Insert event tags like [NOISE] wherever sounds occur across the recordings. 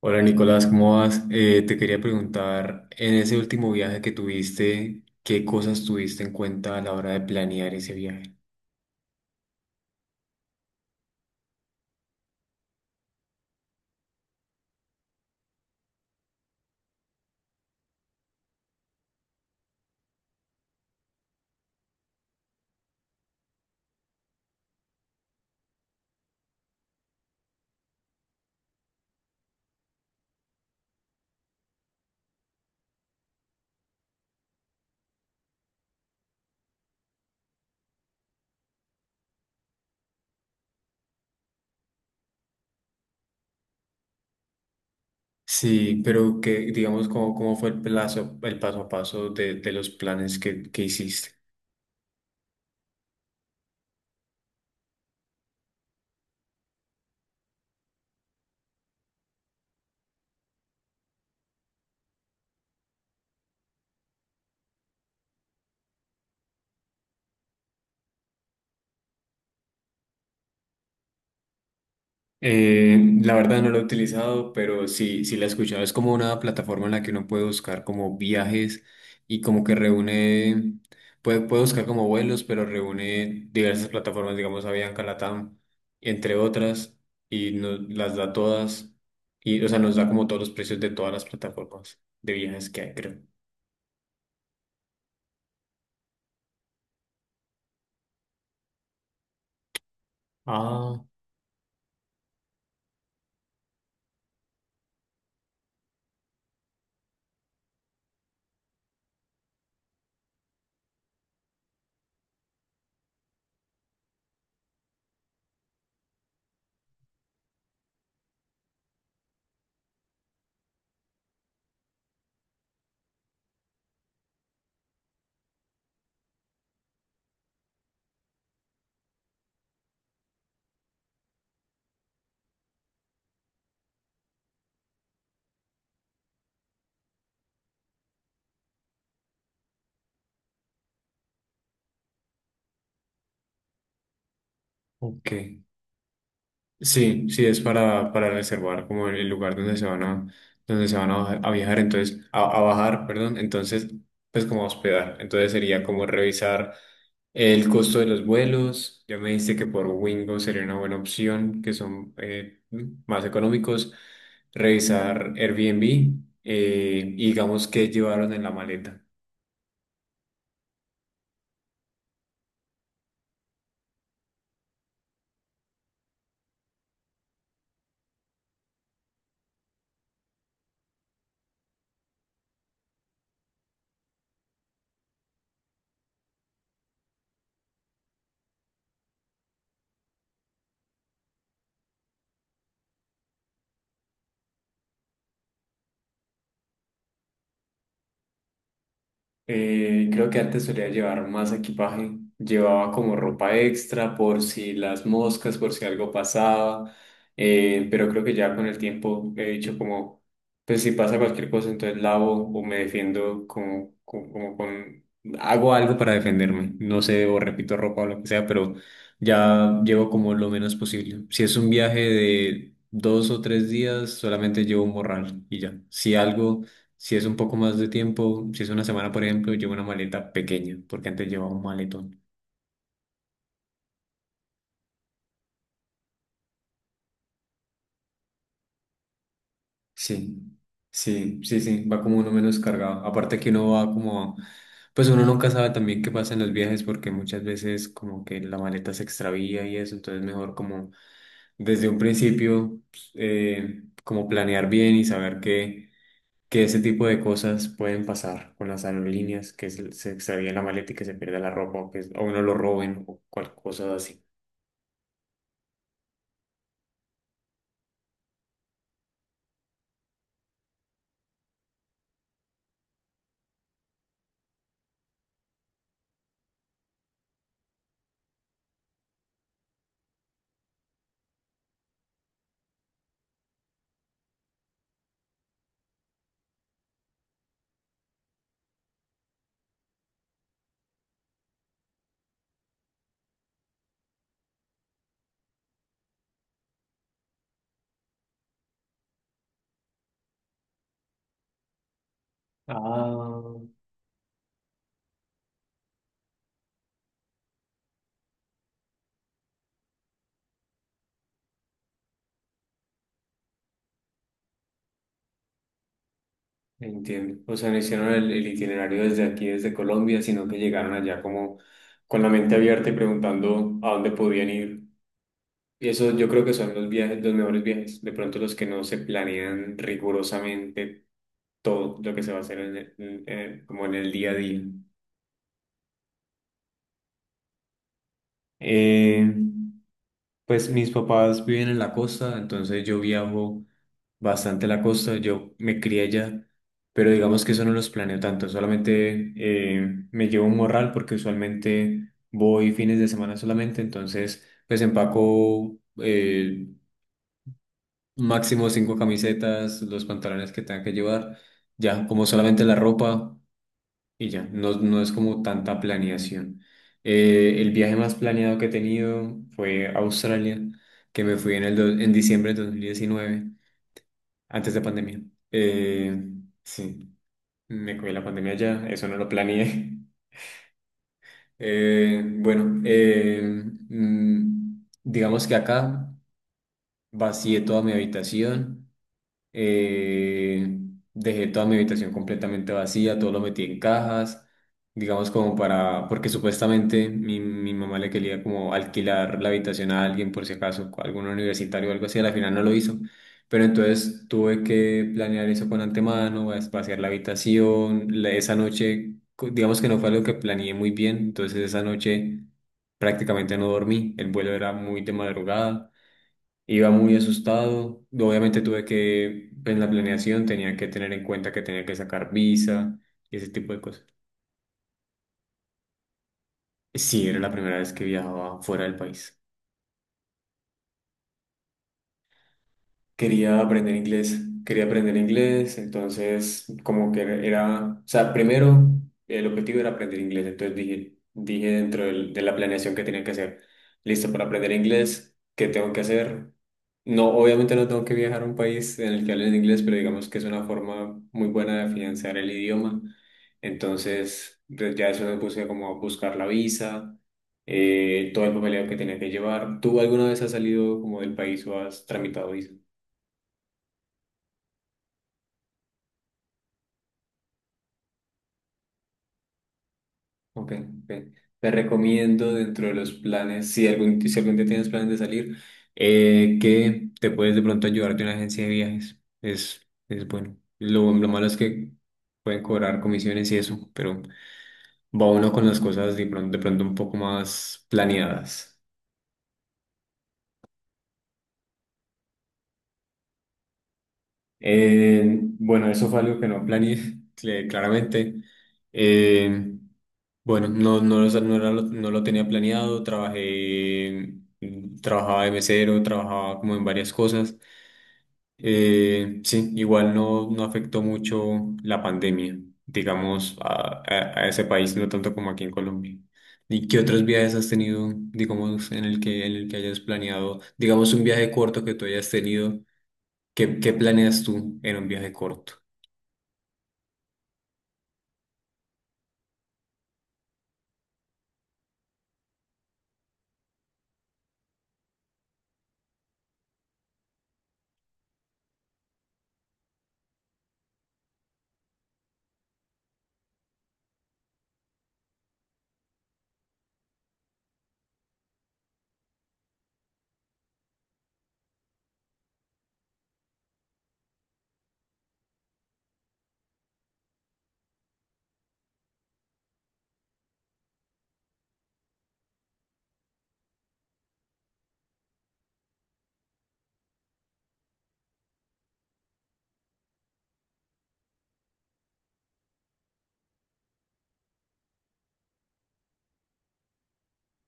Hola Nicolás, ¿cómo vas? Te quería preguntar, en ese último viaje que tuviste, ¿qué cosas tuviste en cuenta a la hora de planear ese viaje? Sí, pero que digamos, ¿cómo fue el plazo, el paso a paso de los planes que hiciste? La verdad no lo he utilizado, pero sí, sí la he escuchado. Es como una plataforma en la que uno puede buscar como viajes y como que reúne, puede buscar como vuelos, pero reúne diversas plataformas, digamos Avianca, Latam, entre otras, y nos las da todas, y o sea, nos da como todos los precios de todas las plataformas de viajes que hay, creo. Ah, ok. Sí, sí, es para reservar como el lugar donde se van a, donde se van a, bajar- a viajar, entonces, a bajar, perdón, entonces, pues como a hospedar. Entonces sería como revisar el costo de los vuelos. Ya me dijiste que por Wingo sería una buena opción, que son más económicos. Revisar Airbnb y digamos qué llevaron en la maleta. Creo que antes solía llevar más equipaje. Llevaba como ropa extra por si las moscas, por si algo pasaba. Pero creo que ya con el tiempo he dicho como, pues si pasa cualquier cosa, entonces lavo o me defiendo como con... Hago algo para defenderme. No sé, o repito ropa o lo que sea, pero ya llevo como lo menos posible. Si es un viaje de 2 o 3 días, solamente llevo un morral y ya. Si algo... Si es un poco más de tiempo, si es una semana, por ejemplo, llevo una maleta pequeña, porque antes llevaba un maletón. Sí, sí, sí, sí, va como uno menos cargado. Aparte que uno va como, pues uno nunca sabe también qué pasa en los viajes, porque muchas veces como que la maleta se extravía y eso, entonces mejor como desde un principio, pues, como planear bien y saber que ese tipo de cosas pueden pasar con las aerolíneas, que se extravía la maleta y que se pierda la ropa, o que o uno lo roben o cual cosa. Ah, entiendo. O sea, no hicieron el itinerario desde aquí, desde Colombia, sino que llegaron allá como con la mente abierta y preguntando a dónde podían ir. Y eso yo creo que son los viajes, los mejores viajes. De pronto los que no se planean rigurosamente todo lo que se va a hacer en como en el día a día. Eh, Pues mis papás viven en la costa, entonces yo viajo bastante a la costa, yo me crié allá, pero digamos que eso no los planeo tanto, solamente me llevo un morral porque usualmente voy fines de semana solamente, entonces pues empaco máximo cinco camisetas, los pantalones que tenga que llevar, ya como solamente la ropa y ya, no, no es como tanta planeación. El viaje más planeado que he tenido fue a Australia, que me fui en diciembre de 2019 antes de pandemia. Eh, sí, me cogí la pandemia ya, eso no lo planeé. [LAUGHS] Bueno, digamos que acá vacié toda mi habitación. Eh, dejé toda mi habitación completamente vacía, todo lo metí en cajas, digamos como para, porque supuestamente mi mamá le quería como alquilar la habitación a alguien por si acaso, a algún universitario o algo así, a la final no lo hizo. Pero entonces tuve que planear eso con antemano, vaciar la habitación, esa noche, digamos que no fue algo que planeé muy bien, entonces esa noche prácticamente no dormí, el vuelo era muy de madrugada. Iba muy asustado. Obviamente tuve que, en la planeación tenía que tener en cuenta que tenía que sacar visa y ese tipo de cosas. Sí, era la primera vez que viajaba fuera del país. Quería aprender inglés, quería aprender inglés, entonces como que era, o sea, primero el objetivo era aprender inglés, entonces dije, dije de la planeación que tenía que hacer, listo para aprender inglés, ¿qué tengo que hacer? No, obviamente no tengo que viajar a un país en el que hablen inglés, pero digamos que es una forma muy buena de afianzar el idioma, entonces ya eso me puse como a buscar la visa, todo el papeleo que tenía que llevar. ¿Tú alguna vez has salido como del país o has tramitado visa? Ok, ok. Te recomiendo dentro de los planes, si algún, si algún día tienes planes de salir, que te puedes de pronto ayudar de una agencia de viajes. Es bueno. Lo malo es que pueden cobrar comisiones y eso, pero va uno con las cosas de pronto un poco más planeadas. Bueno, eso fue algo que no planeé, [LAUGHS] claramente. Eh, Bueno, no, no, no, era no lo tenía planeado, trabajaba de mesero, trabajaba como en varias cosas. Sí, igual no, no afectó mucho la pandemia, digamos, a ese país, no tanto como aquí en Colombia. ¿Y qué otros viajes has tenido, digamos, en el que hayas planeado, digamos, un viaje corto que tú hayas tenido? ¿Qué planeas tú en un viaje corto?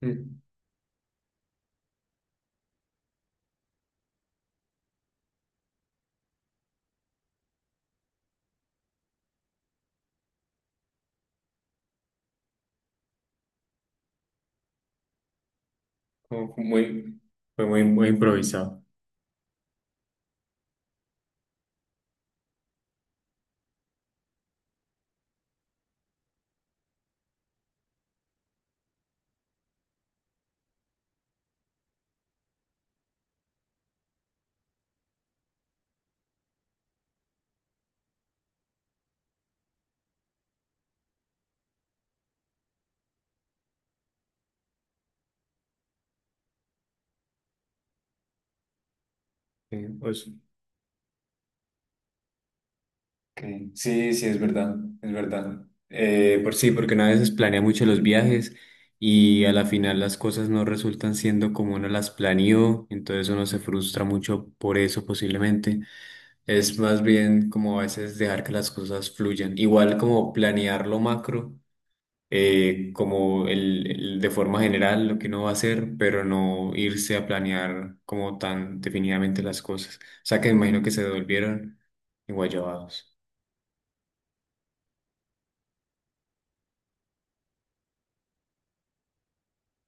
Mm, como fue muy, muy improvisado. Sí, ok. Sí, sí, es verdad, es verdad. Por sí, porque una vez planea mucho los viajes y a la final las cosas no resultan siendo como uno las planeó, entonces uno se frustra mucho por eso posiblemente. Es más bien como a veces dejar que las cosas fluyan. Igual como planear lo macro, como de forma general lo que uno va a hacer, pero no irse a planear como tan definidamente las cosas. O sea que me imagino que se volvieron enguayabados.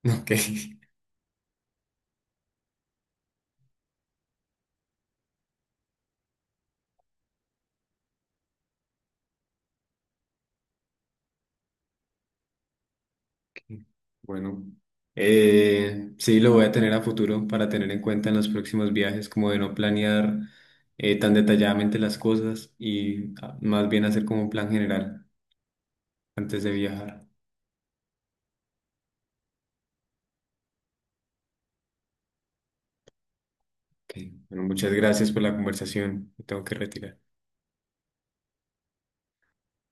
[LAUGHS] Ok. Bueno, sí, lo voy a tener a futuro para tener en cuenta en los próximos viajes, como de no planear tan detalladamente las cosas y ah, más bien hacer como un plan general antes de viajar. Ok, bueno, muchas gracias por la conversación. Me tengo que retirar.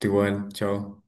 Igual, chao.